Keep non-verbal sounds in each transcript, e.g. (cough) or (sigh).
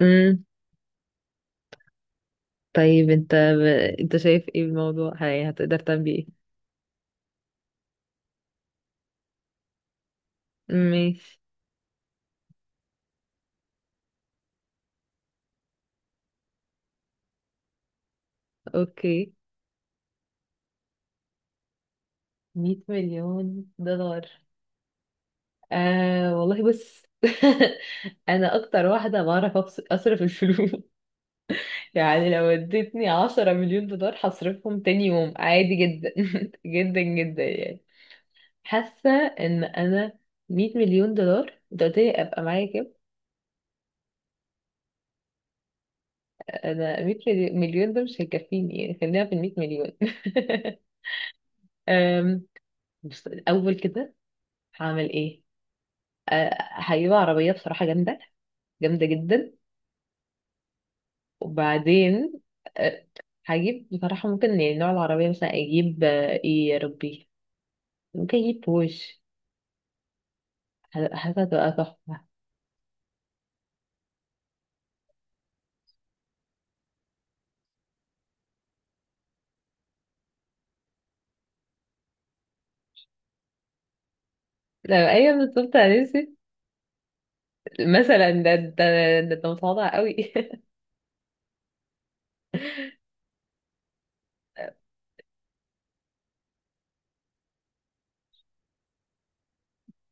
امم طيب، انت شايف ايه الموضوع؟ هي هتقدر تعمل ايه؟ ماشي. اوكي. 100 مليون دولار؟ آه والله بص. (laughs) انا اكتر واحده بعرف اصرف الفلوس. (laughs) يعني لو اديتني 10 مليون دولار هصرفهم تاني يوم، عادي جدا. (laughs) جدا جدا يعني. حاسه ان انا 100 مليون دولار، انت قلت لي ابقى معايا كام؟ انا 100 مليون ده مش هيكفيني يعني، خلينا في ال 100 مليون. (laughs) أم، بص الاول كده، هعمل ايه؟ هجيب عربيه بصراحه جامده، جامده جدا. وبعدين، أه هجيب بصراحه، ممكن يعني نوع العربيه مثلا اجيب، ايه يا ربي، ممكن اجيب بوش. هتبقى تحفه. لا، ايوه، بالظبط، انا نسيت. مثلا ده متواضع قوي. (laughs)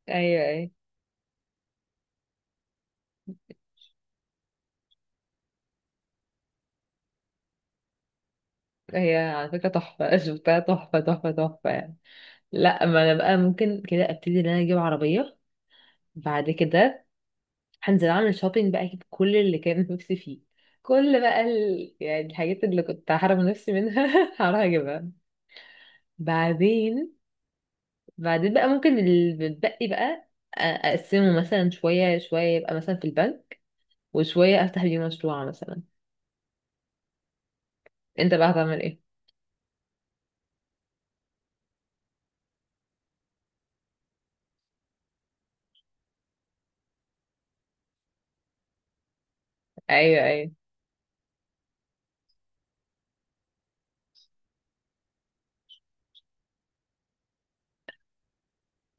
ايوه، ايوه. هي على فكره تحفه، شفتها تحفه تحفه تحفه يعني. لا، ما انا بقى ممكن كده ابتدي ان انا اجيب عربيه. بعد كده، هنزل اعمل شوبينج بقى، اجيب كل اللي كان نفسي فيه. كل بقى يعني الحاجات اللي كنت هحرم نفسي منها، (laughs) هروح اجيبها. بعدين، بعدين بقى ممكن اللي بتبقي بقى، اقسمه مثلا شوية شوية، يبقى مثلا في البنك، وشوية افتح بيه مشروع مثلا. انت بقى هتعمل ايه؟ ايوه، ايوه.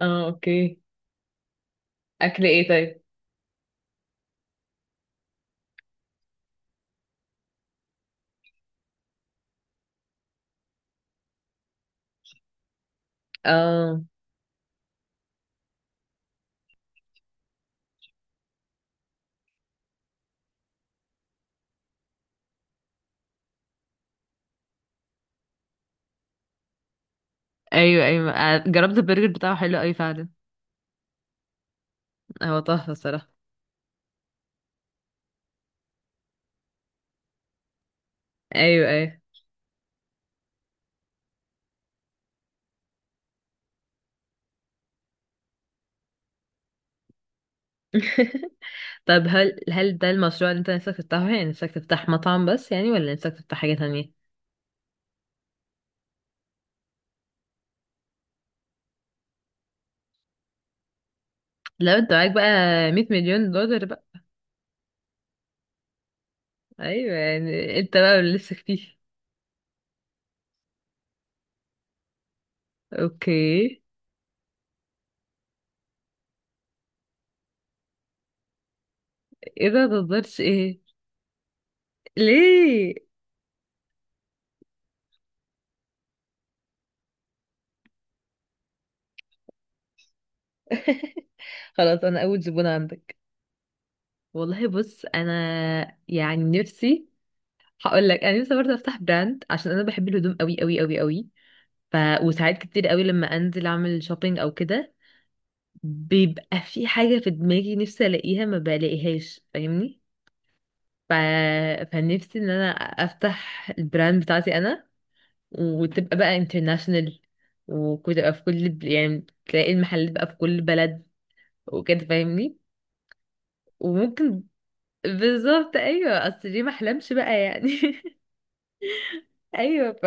اه، اوكي. اكل ايه طيب؟ اه، ايوه، ايوه، جربت البرجر بتاعه حلو قوي فعلا. هو تحفة الصراحة. ايوه، ايوه. (laughs) طب، هل ده المشروع اللي انت نفسك تفتحه يعني؟ نفسك تفتح مطعم بس يعني، ولا نفسك تفتح حاجة تانية؟ لو انت معاك بقى 100 مليون دولار بقى. ايوه، يعني انت بقى اللي نفسك فيه. اوكي. ايه ده، متقدرش ايه؟ ليه؟ (laughs) خلاص، انا اول زبون عندك. والله بص انا، يعني نفسي، هقول لك، انا نفسي برضه افتح براند عشان انا بحب الهدوم قوي قوي قوي قوي. ف وساعات كتير قوي لما انزل اعمل شوبينج او كده، بيبقى في حاجة في دماغي نفسي ألاقيها ما بلاقيهاش، فاهمني؟ ف... فنفسي إن أنا أفتح البراند بتاعتي أنا، وتبقى بقى international، وتبقى في كل، يعني تلاقي المحلات بقى في كل بلد، وكده، فاهمني؟ وممكن، بالظبط أيوة، أصل ليه ما أحلمش بقى يعني. (laughs) أيوة.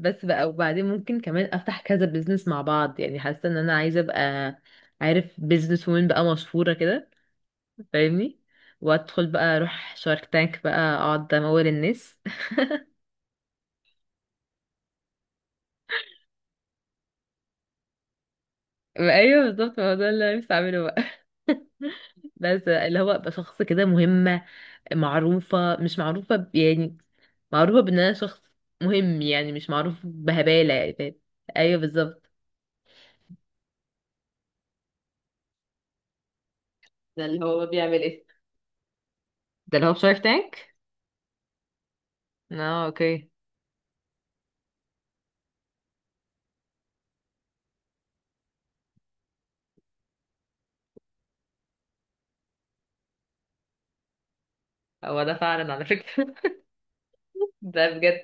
بس بقى، وبعدين ممكن كمان أفتح كذا بيزنس مع بعض، يعني حاسة إن أنا عايزة أبقى، عارف، بيزنس وومن بقى مشهورة كده، فاهمني؟ وادخل بقى اروح شارك تانك بقى، اقعد امول الناس. (laughs) ايوه بالظبط، ما هو ده اللي أنا نفسي اعمله بقى. (laughs) بس اللي هو ابقى شخص كده مهمة، معروفة، مش معروفة يعني، معروفة بان انا شخص مهم يعني، مش معروف بهبالة يعني، فاهم؟ ايوه بالظبط. ده اللي هو بيعمل ايه؟ ده اللي هو في شارك تانك؟ اه، اوكي. هو ده فعلا على فكرة. (laughs) ده بجد.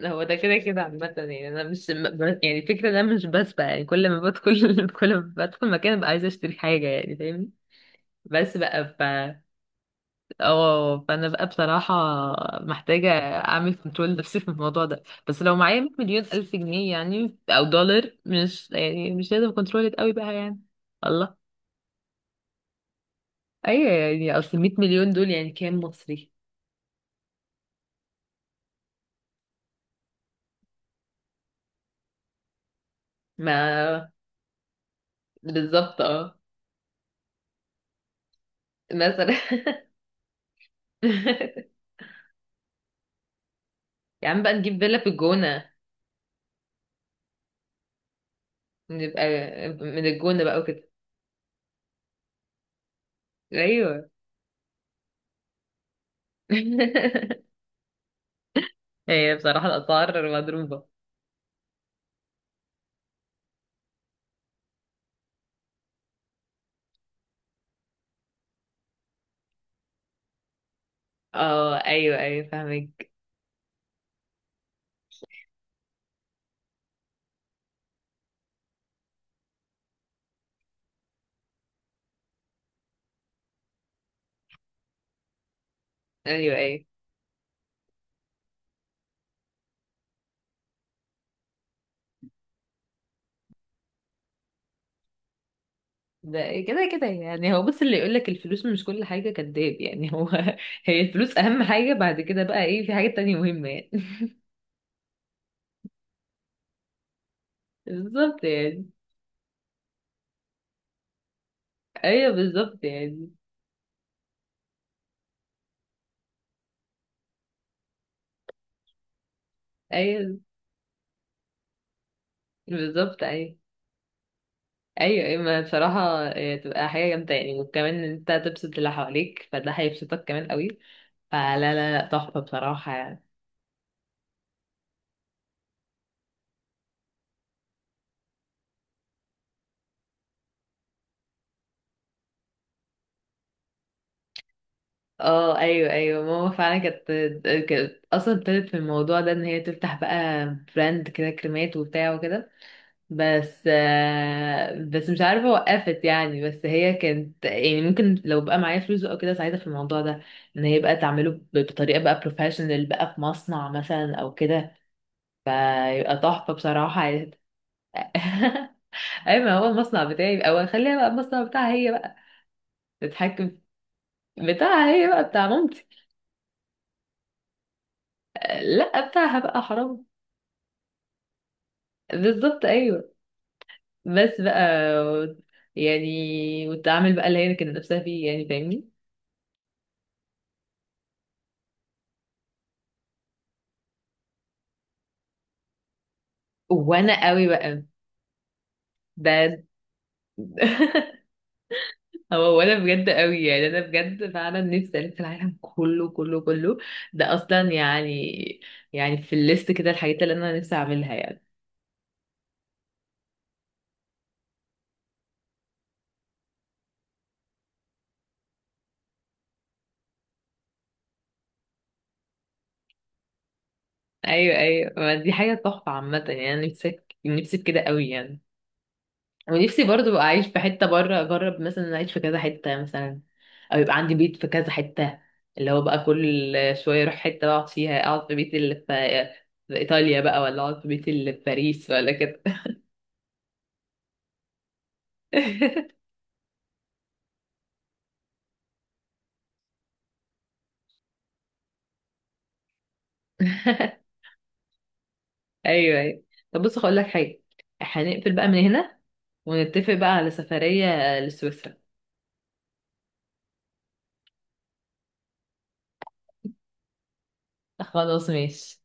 هو ده كده كده عامة يعني، أنا مش يعني الفكرة إن أنا مش بسبق يعني، كل ما بدخل، (laughs) كل ما بدخل مكان ببقى عايزة أشتري حاجة، يعني فاهمني. بس بقى. اه، فأنا بقى بصراحة محتاجة أعمل كنترول نفسي في الموضوع ده، بس لو معايا 100 مليون ألف جنيه يعني، أو دولار، مش يعني مش لازم كنترول قوي بقى يعني. الله. أيوة، يعني أصل 100 مليون دول يعني كام مصري؟ ما بالظبط، اه، مثلا. (laughs) يا عم بقى نجيب فيلا في الجونة، نبقى من الجونة بقى وكده. ايوه. (laughs) هي بصراحة الأسعار مضروبة. اه، ايوه، ايوه، فاهمك. ايوه، ايوه. ده كده كده يعني، هو بص اللي يقولك الفلوس مش كل حاجة كداب يعني، هو (laughs) هي الفلوس أهم حاجة، بعد كده بقى ايه؟ في حاجات تانية مهمة يعني. (laughs) بالظبط يعني. ايوه بالظبط يعني. ايوه بالظبط. ايوه ايوه، ايوه، ما بصراحة، إيه، تبقى حاجة جامدة يعني، وكمان ان انت تبسط اللي حواليك فده هيبسطك كمان قوي. فلا، لا، لا، تحفة بصراحة يعني. اه، ايوه، ايوه، ماما فعلا كانت اصلا ابتدت في الموضوع ده، ان هي تفتح بقى براند كده، كريمات وبتاع وكده. بس مش عارفه وقفت يعني. بس هي كانت، يعني ممكن لو بقى معايا فلوس او كده ساعتها في الموضوع ده، ان هي بقى تعمله بطريقه بقى بروفيشنال، بقى في مصنع مثلا او كده، فيبقى تحفه بصراحه يعني. (laughs) ايوه، ما هو المصنع بتاعي، او خليها بقى المصنع بتاعها هي بقى تتحكم. بتاعها هي بقى، بتاع مامتي. لا، بتاعها بقى، حرام. بالظبط ايوه. بس بقى، يعني والتعامل بقى اللي هي كانت نفسها فيه، يعني فاهمني. وانا قوي بقى. ده (laughs) هو وانا بجد قوي يعني، انا بجد فعلا نفسي الف العالم كله كله كله. ده اصلا يعني، يعني في الليست كده الحاجات اللي انا نفسي اعملها يعني. ايوه، ايوه، ما دي حاجه تحفه عامه يعني، انا نفسي نفسي في كده قوي يعني. ونفسي برضو ابقى اعيش في حته بره، اجرب مثلا اعيش في كذا حته، مثلا او يبقى عندي بيت في كذا حته، اللي هو بقى كل شويه اروح حته اقعد فيها، اقعد في بيت اللي في ايطاليا بقى، ولا اقعد في بيت اللي في باريس ولا كده. (laughs) ايوه، ايوه. طب بص، هقول لك حاجه، هنقفل بقى من هنا، ونتفق بقى على سفريه لسويسرا. خلاص ماشي.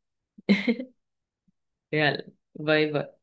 يلا. باي باي.